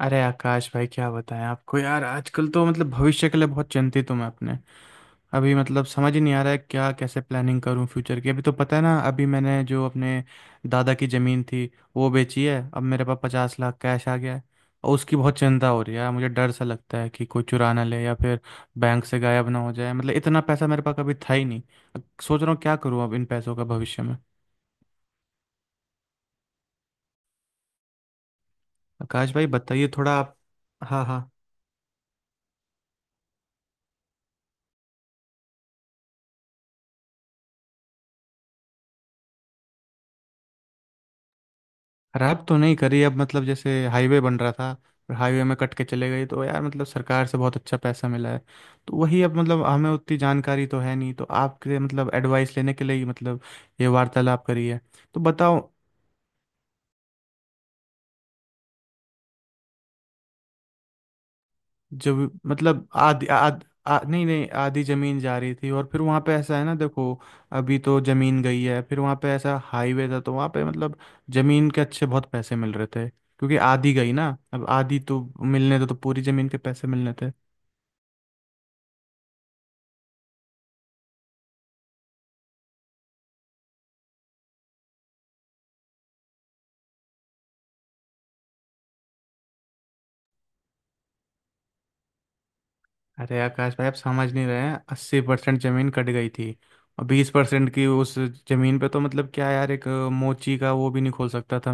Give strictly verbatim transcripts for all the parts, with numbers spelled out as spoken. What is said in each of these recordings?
अरे आकाश भाई, क्या बताएं आपको यार। आजकल तो मतलब भविष्य के लिए बहुत चिंतित हूँ मैं अपने। अभी मतलब समझ ही नहीं आ रहा है क्या, कैसे प्लानिंग करूँ फ्यूचर की। अभी तो पता है ना, अभी मैंने जो अपने दादा की ज़मीन थी वो बेची है, अब मेरे पास पचास लाख कैश आ गया है। और उसकी बहुत चिंता हो रही है यार, मुझे डर सा लगता है कि कोई चुरा ना ले या फिर बैंक से गायब ना हो जाए। मतलब इतना पैसा मेरे पास कभी था ही नहीं। अब सोच रहा हूँ क्या करूँ अब इन पैसों का भविष्य में। आकाश भाई बताइए थोड़ा आप। हाँ हाँ। रैप तो नहीं करी अब, मतलब जैसे हाईवे बन रहा था और हाईवे में कट के चले गई। तो यार मतलब सरकार से बहुत अच्छा पैसा मिला है। तो वही अब, मतलब हमें उतनी जानकारी तो है नहीं तो आपके मतलब एडवाइस लेने के लिए ही मतलब ये वार्तालाप करी है। तो बताओ। जब मतलब आधी आध आ, नहीं नहीं, आधी ज़मीन जा रही थी और फिर वहाँ पे ऐसा है ना। देखो, अभी तो ज़मीन गई है, फिर वहाँ पे ऐसा हाईवे था तो वहाँ पे मतलब ज़मीन के अच्छे बहुत पैसे मिल रहे थे क्योंकि आधी गई ना। अब आधी तो मिलने थे तो पूरी ज़मीन के पैसे मिलने थे। अरे आकाश भाई, आप समझ नहीं रहे हैं, अस्सी परसेंट जमीन कट गई थी, और बीस परसेंट की उस जमीन पे तो मतलब क्या यार, एक अ, मोची का वो भी नहीं खोल सकता था।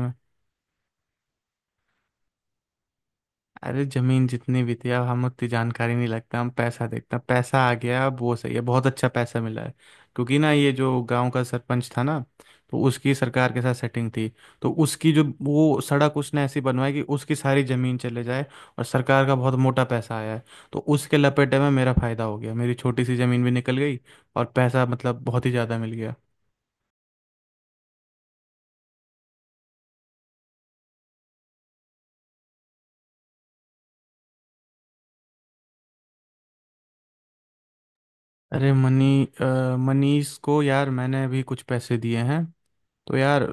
अरे जमीन जितनी भी थी, अब हम उतनी जानकारी नहीं लगता, हम पैसा देखते हैं, पैसा आ गया अब वो सही है, बहुत अच्छा पैसा मिला है। क्योंकि ना ये जो गांव का सरपंच था ना, तो उसकी सरकार के साथ सेटिंग थी, तो उसकी जो वो सड़क उसने ऐसी बनवाई कि उसकी सारी जमीन चले जाए, और सरकार का बहुत मोटा पैसा आया है। तो उसके लपेटे में मेरा फायदा हो गया, मेरी छोटी सी जमीन भी निकल गई और पैसा मतलब बहुत ही ज़्यादा मिल गया। अरे मनी अ, मनीष को यार मैंने अभी कुछ पैसे दिए हैं। तो यार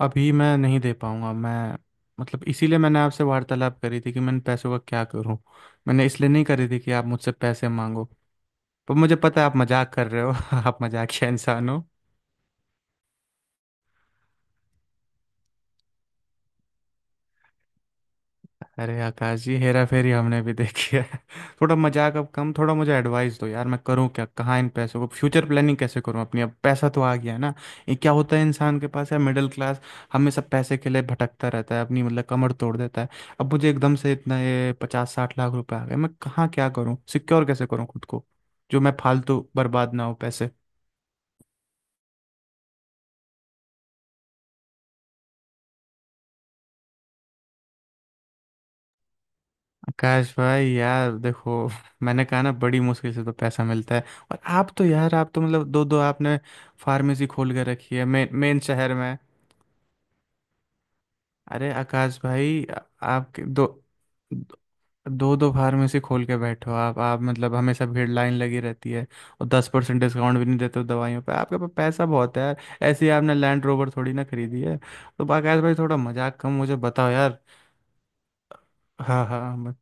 अभी मैं नहीं दे पाऊंगा मैं। मतलब इसीलिए मैंने आपसे वार्तालाप करी थी कि मैं इन पैसों का क्या करूं। मैंने इसलिए नहीं करी थी कि आप मुझसे पैसे मांगो। पर मुझे पता है आप मजाक कर रहे हो। आप मजाकिया इंसान हो। अरे आकाश जी, हेरा फेरी हमने भी देखी है। थोड़ा मजाक अब कम, थोड़ा मुझे एडवाइस दो यार। मैं करूँ क्या, कहाँ इन पैसों को, फ्यूचर प्लानिंग कैसे करूँ अपनी? अब पैसा तो आ गया है ना। ये क्या होता है, इंसान के पास है मिडिल क्लास, हमेशा पैसे के लिए भटकता रहता है, अपनी मतलब कमर तोड़ देता है। अब मुझे एकदम से इतना ये पचास साठ लाख रुपए आ गए, मैं कहाँ क्या करूँ, सिक्योर कैसे करूँ खुद को, जो मैं फालतू बर्बाद ना हो पैसे। आकाश भाई यार, देखो, मैंने कहा ना बड़ी मुश्किल से तो पैसा मिलता है। और आप तो यार, आप तो मतलब दो दो आपने फार्मेसी खोल के रखी है मेन मेन शहर में। अरे आकाश भाई आ- आपके दो दो दो फार्मेसी खोल के बैठो आप। आप मतलब हमेशा भीड़, लाइन लगी रहती है, और दस परसेंट डिस्काउंट भी नहीं देते हो दवाइयों पे। आपके पास पैसा बहुत है यार, ऐसे ही आपने लैंड रोवर थोड़ी ना खरीदी है। तो आकाश भाई थोड़ा मजाक कम, मुझे बताओ यार। हाँ हाँ।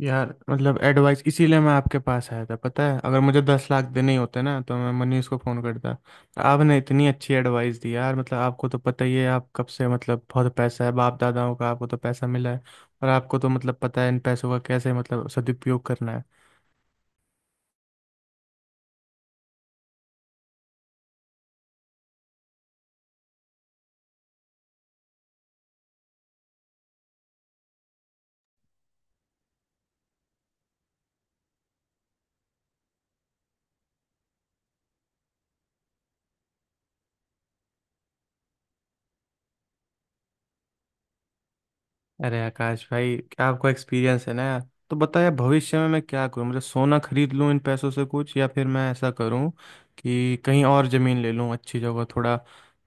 यार मतलब एडवाइस इसीलिए मैं आपके पास आया था, पता है, अगर मुझे दस लाख देने ही होते ना तो मैं मनीष को फ़ोन करता। आपने इतनी अच्छी एडवाइस दी यार, मतलब आपको तो पता ही है आप कब से मतलब बहुत पैसा है, बाप दादाओं का आपको तो पैसा मिला है, और आपको तो मतलब पता है इन पैसों का कैसे मतलब सदुपयोग करना है। अरे आकाश भाई, क्या आपको एक्सपीरियंस है ना यार। तो बताया, भविष्य में मैं क्या करूं, मतलब सोना खरीद लूं इन पैसों से कुछ, या फिर मैं ऐसा करूं कि कहीं और ज़मीन ले लूं अच्छी जगह थोड़ा,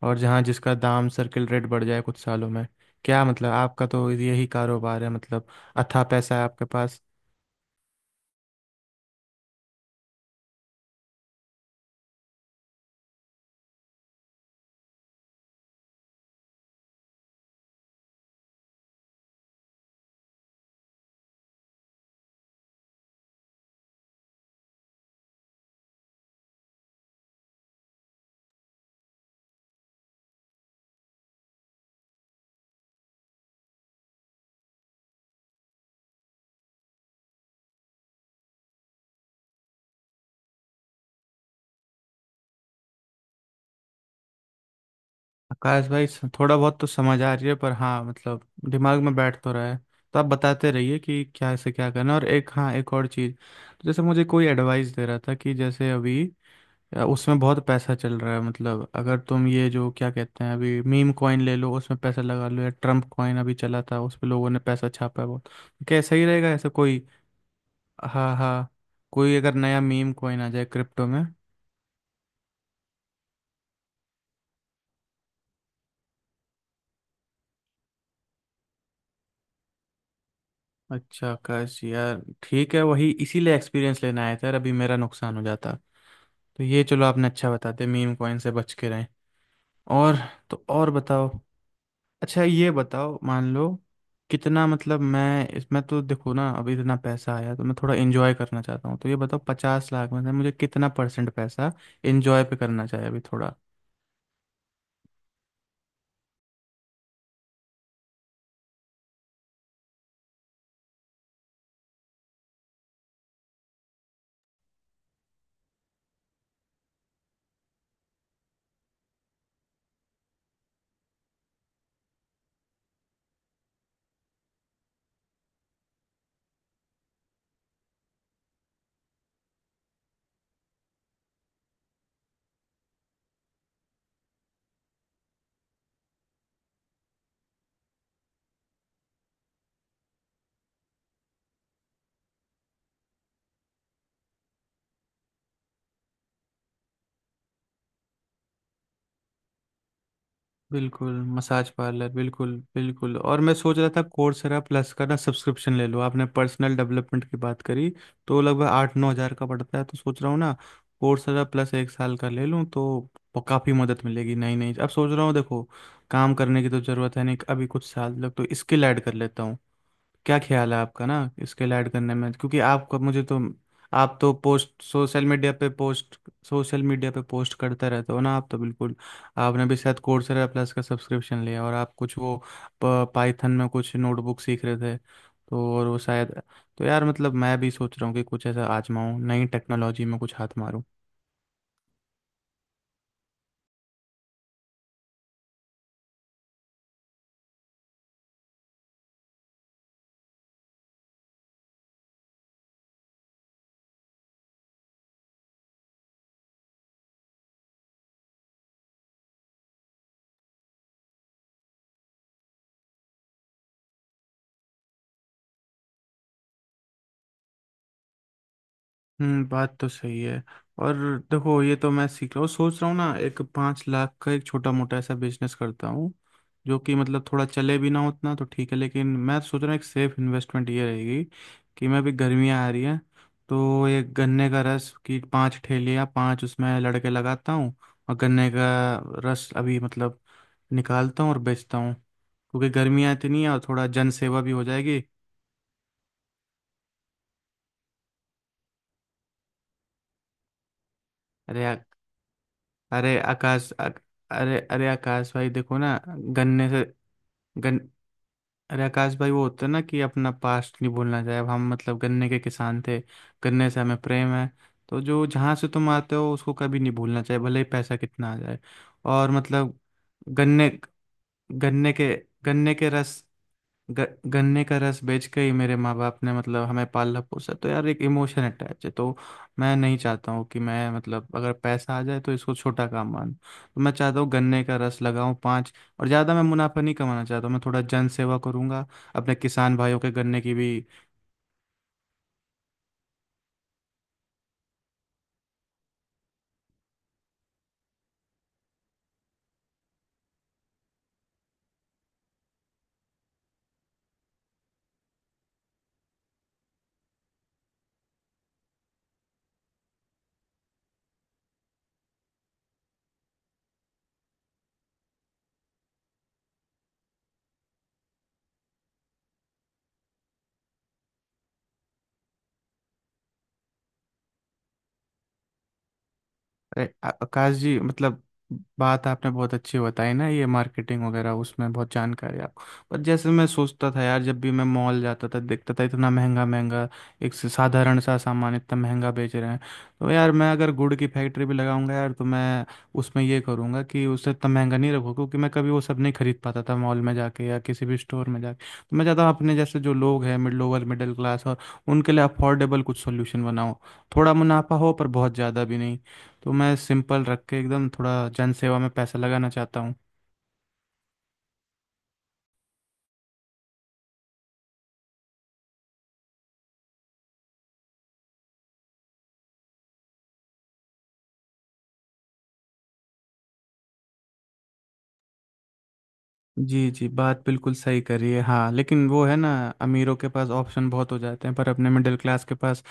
और जहां जिसका दाम सर्किल रेट बढ़ जाए कुछ सालों में। क्या मतलब आपका तो यही कारोबार है मतलब, अथाह पैसा है आपके पास। आकाश भाई, स- थोड़ा बहुत तो समझ आ रही है, पर हाँ मतलब दिमाग में बैठ तो रहा है। तो आप बताते रहिए कि क्या से क्या करना। और एक, हाँ, एक और चीज़, जैसे मुझे कोई एडवाइस दे रहा था कि जैसे अभी, या उसमें बहुत पैसा चल रहा है, मतलब अगर तुम ये जो क्या कहते हैं, अभी मीम कॉइन ले लो, उसमें पैसा लगा लो, या ट्रम्प कॉइन अभी चला था उस पे लोगों ने पैसा छापा है बहुत, कैसा ही रहेगा ऐसा कोई? हाँ हाँ, कोई अगर नया मीम कॉइन आ जाए क्रिप्टो में। अच्छा आकाश यार ठीक है, वही इसीलिए एक्सपीरियंस लेना आया था यार, अभी मेरा नुकसान हो जाता। तो ये चलो, आपने अच्छा बता दिया, मीम कॉइन से बच के रहें। और तो और बताओ। अच्छा ये बताओ, मान लो कितना मतलब मैं इसमें, तो देखो ना अभी इतना पैसा आया तो मैं थोड़ा एंजॉय करना चाहता हूँ। तो ये बताओ, पचास लाख में से मुझे कितना परसेंट पैसा एंजॉय पे करना चाहिए अभी थोड़ा? बिल्कुल मसाज पार्लर, बिल्कुल बिल्कुल। और मैं सोच रहा था कोर्सेरा प्लस का ना सब्सक्रिप्शन ले लो, आपने पर्सनल डेवलपमेंट की बात करी तो लगभग आठ नौ हज़ार का पड़ता है। तो सोच रहा हूँ ना कोर्सेरा प्लस एक साल का ले लूँ तो काफ़ी मदद मिलेगी। नहीं नहीं, अब सोच रहा हूँ, देखो, काम करने की तो ज़रूरत है नहीं, अभी कुछ साल तक तो स्किल ऐड कर लेता हूँ। क्या ख्याल है आपका ना इसके ऐड करने में? क्योंकि आपको, मुझे तो, आप तो पोस्ट सोशल मीडिया पे पोस्ट, सोशल मीडिया पे पोस्ट करते रहते हो ना आप तो, बिल्कुल। आपने भी शायद कोर्सेरा प्लस का सब्सक्रिप्शन लिया, और आप कुछ वो पाइथन में कुछ नोटबुक सीख रहे थे तो, और वो शायद, तो यार मतलब मैं भी सोच रहा हूँ कि कुछ ऐसा आजमाऊँ नई टेक्नोलॉजी में कुछ हाथ मारूं। हम्म बात तो सही है। और देखो, ये तो मैं सीख रहा हूँ, सोच रहा हूँ ना एक पाँच लाख का एक छोटा मोटा ऐसा बिजनेस करता हूँ, जो कि मतलब थोड़ा चले भी ना उतना तो ठीक है। लेकिन मैं सोच रहा हूँ एक सेफ इन्वेस्टमेंट ये रहेगी कि मैं, अभी गर्मियाँ आ रही हैं, तो ये गन्ने का रस की पाँच ठेलियाँ, पाँच उसमें लड़के लगाता हूँ, और गन्ने का रस अभी मतलब निकालता हूँ और बेचता हूँ, क्योंकि गर्मियाँ इतनी है, और थोड़ा जनसेवा भी हो जाएगी। अरे यार, अरे आकाश अर- अरे अरे आकाश भाई, देखो ना गन्ने से, गन अरे आकाश भाई, वो होता है ना कि अपना पास्ट नहीं भूलना चाहिए। अब हम मतलब गन्ने के किसान थे, गन्ने से हमें प्रेम है। तो जो, जहाँ से तुम आते हो उसको कभी नहीं भूलना चाहिए भले ही पैसा कितना आ जाए। और मतलब गन्ने गन्ने के गन्ने के रस ग, गन्ने का रस बेच के ही मेरे माँ बाप ने मतलब हमें पाला पोसा, तो यार एक इमोशन अटैच है। तो मैं नहीं चाहता हूँ कि मैं मतलब अगर पैसा आ जाए तो इसको छोटा काम मान, तो मैं चाहता हूँ गन्ने का रस लगाऊं पाँच, और ज़्यादा मैं मुनाफा नहीं कमाना चाहता हूँ, मैं थोड़ा जन सेवा करूंगा अपने किसान भाइयों के, गन्ने की भी। अरे आ- आकाश जी, मतलब बात आपने बहुत अच्छी बताई ना, ये मार्केटिंग वगैरह उसमें बहुत जानकारी है आपको। पर जैसे मैं सोचता था यार, जब भी मैं मॉल जाता था देखता था इतना महंगा महंगा, एक से साधारण सा सामान इतना महंगा बेच रहे हैं। तो यार मैं अगर गुड़ की फैक्ट्री भी लगाऊंगा यार, तो मैं उसमें ये करूंगा कि उसे इतना महंगा नहीं रखूँ, क्योंकि मैं कभी वो सब नहीं खरीद पाता था मॉल में जाके या किसी भी स्टोर में जाके। तो मैं चाहता हूँ अपने जैसे जो लोग हैं, मिड लोअर मिडिल क्लास, और उनके लिए अफोर्डेबल कुछ सोल्यूशन बनाऊँ, थोड़ा मुनाफा हो पर बहुत ज़्यादा भी नहीं। तो मैं सिंपल रख के एकदम थोड़ा जनसेवा में पैसा लगाना चाहता हूँ। जी जी, बात बिल्कुल सही करी है। हाँ लेकिन वो है ना, अमीरों के पास ऑप्शन बहुत हो जाते हैं, पर अपने मिडिल क्लास के पास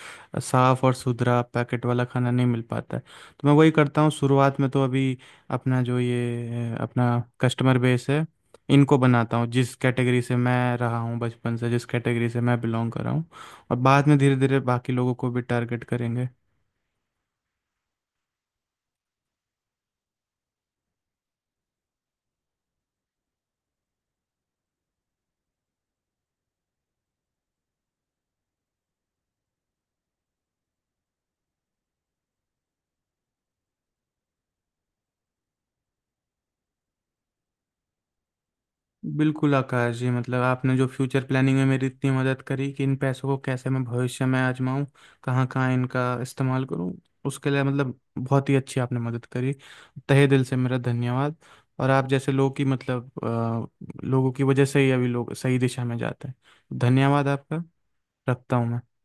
साफ और सुथरा पैकेट वाला खाना नहीं मिल पाता है। तो मैं वही करता हूँ शुरुआत में, तो अभी अपना जो ये अपना कस्टमर बेस है इनको बनाता हूँ, जिस कैटेगरी से मैं रहा हूँ बचपन से, जिस कैटेगरी से मैं बिलोंग कर रहा हूँ, और बाद में धीरे धीरे बाकी लोगों को भी टारगेट करेंगे। बिल्कुल आकाश जी, मतलब आपने जो फ्यूचर प्लानिंग में मेरी इतनी मदद करी कि इन पैसों को कैसे मैं भविष्य में आजमाऊं, कहाँ कहाँ इनका इस्तेमाल करूं, उसके लिए मतलब बहुत ही अच्छी आपने मदद करी। तहे दिल से मेरा धन्यवाद। और आप जैसे लोग की मतलब अ, लोगों की वजह से ही अभी लोग सही दिशा में जाते हैं। धन्यवाद आपका। रखता हूँ मैं।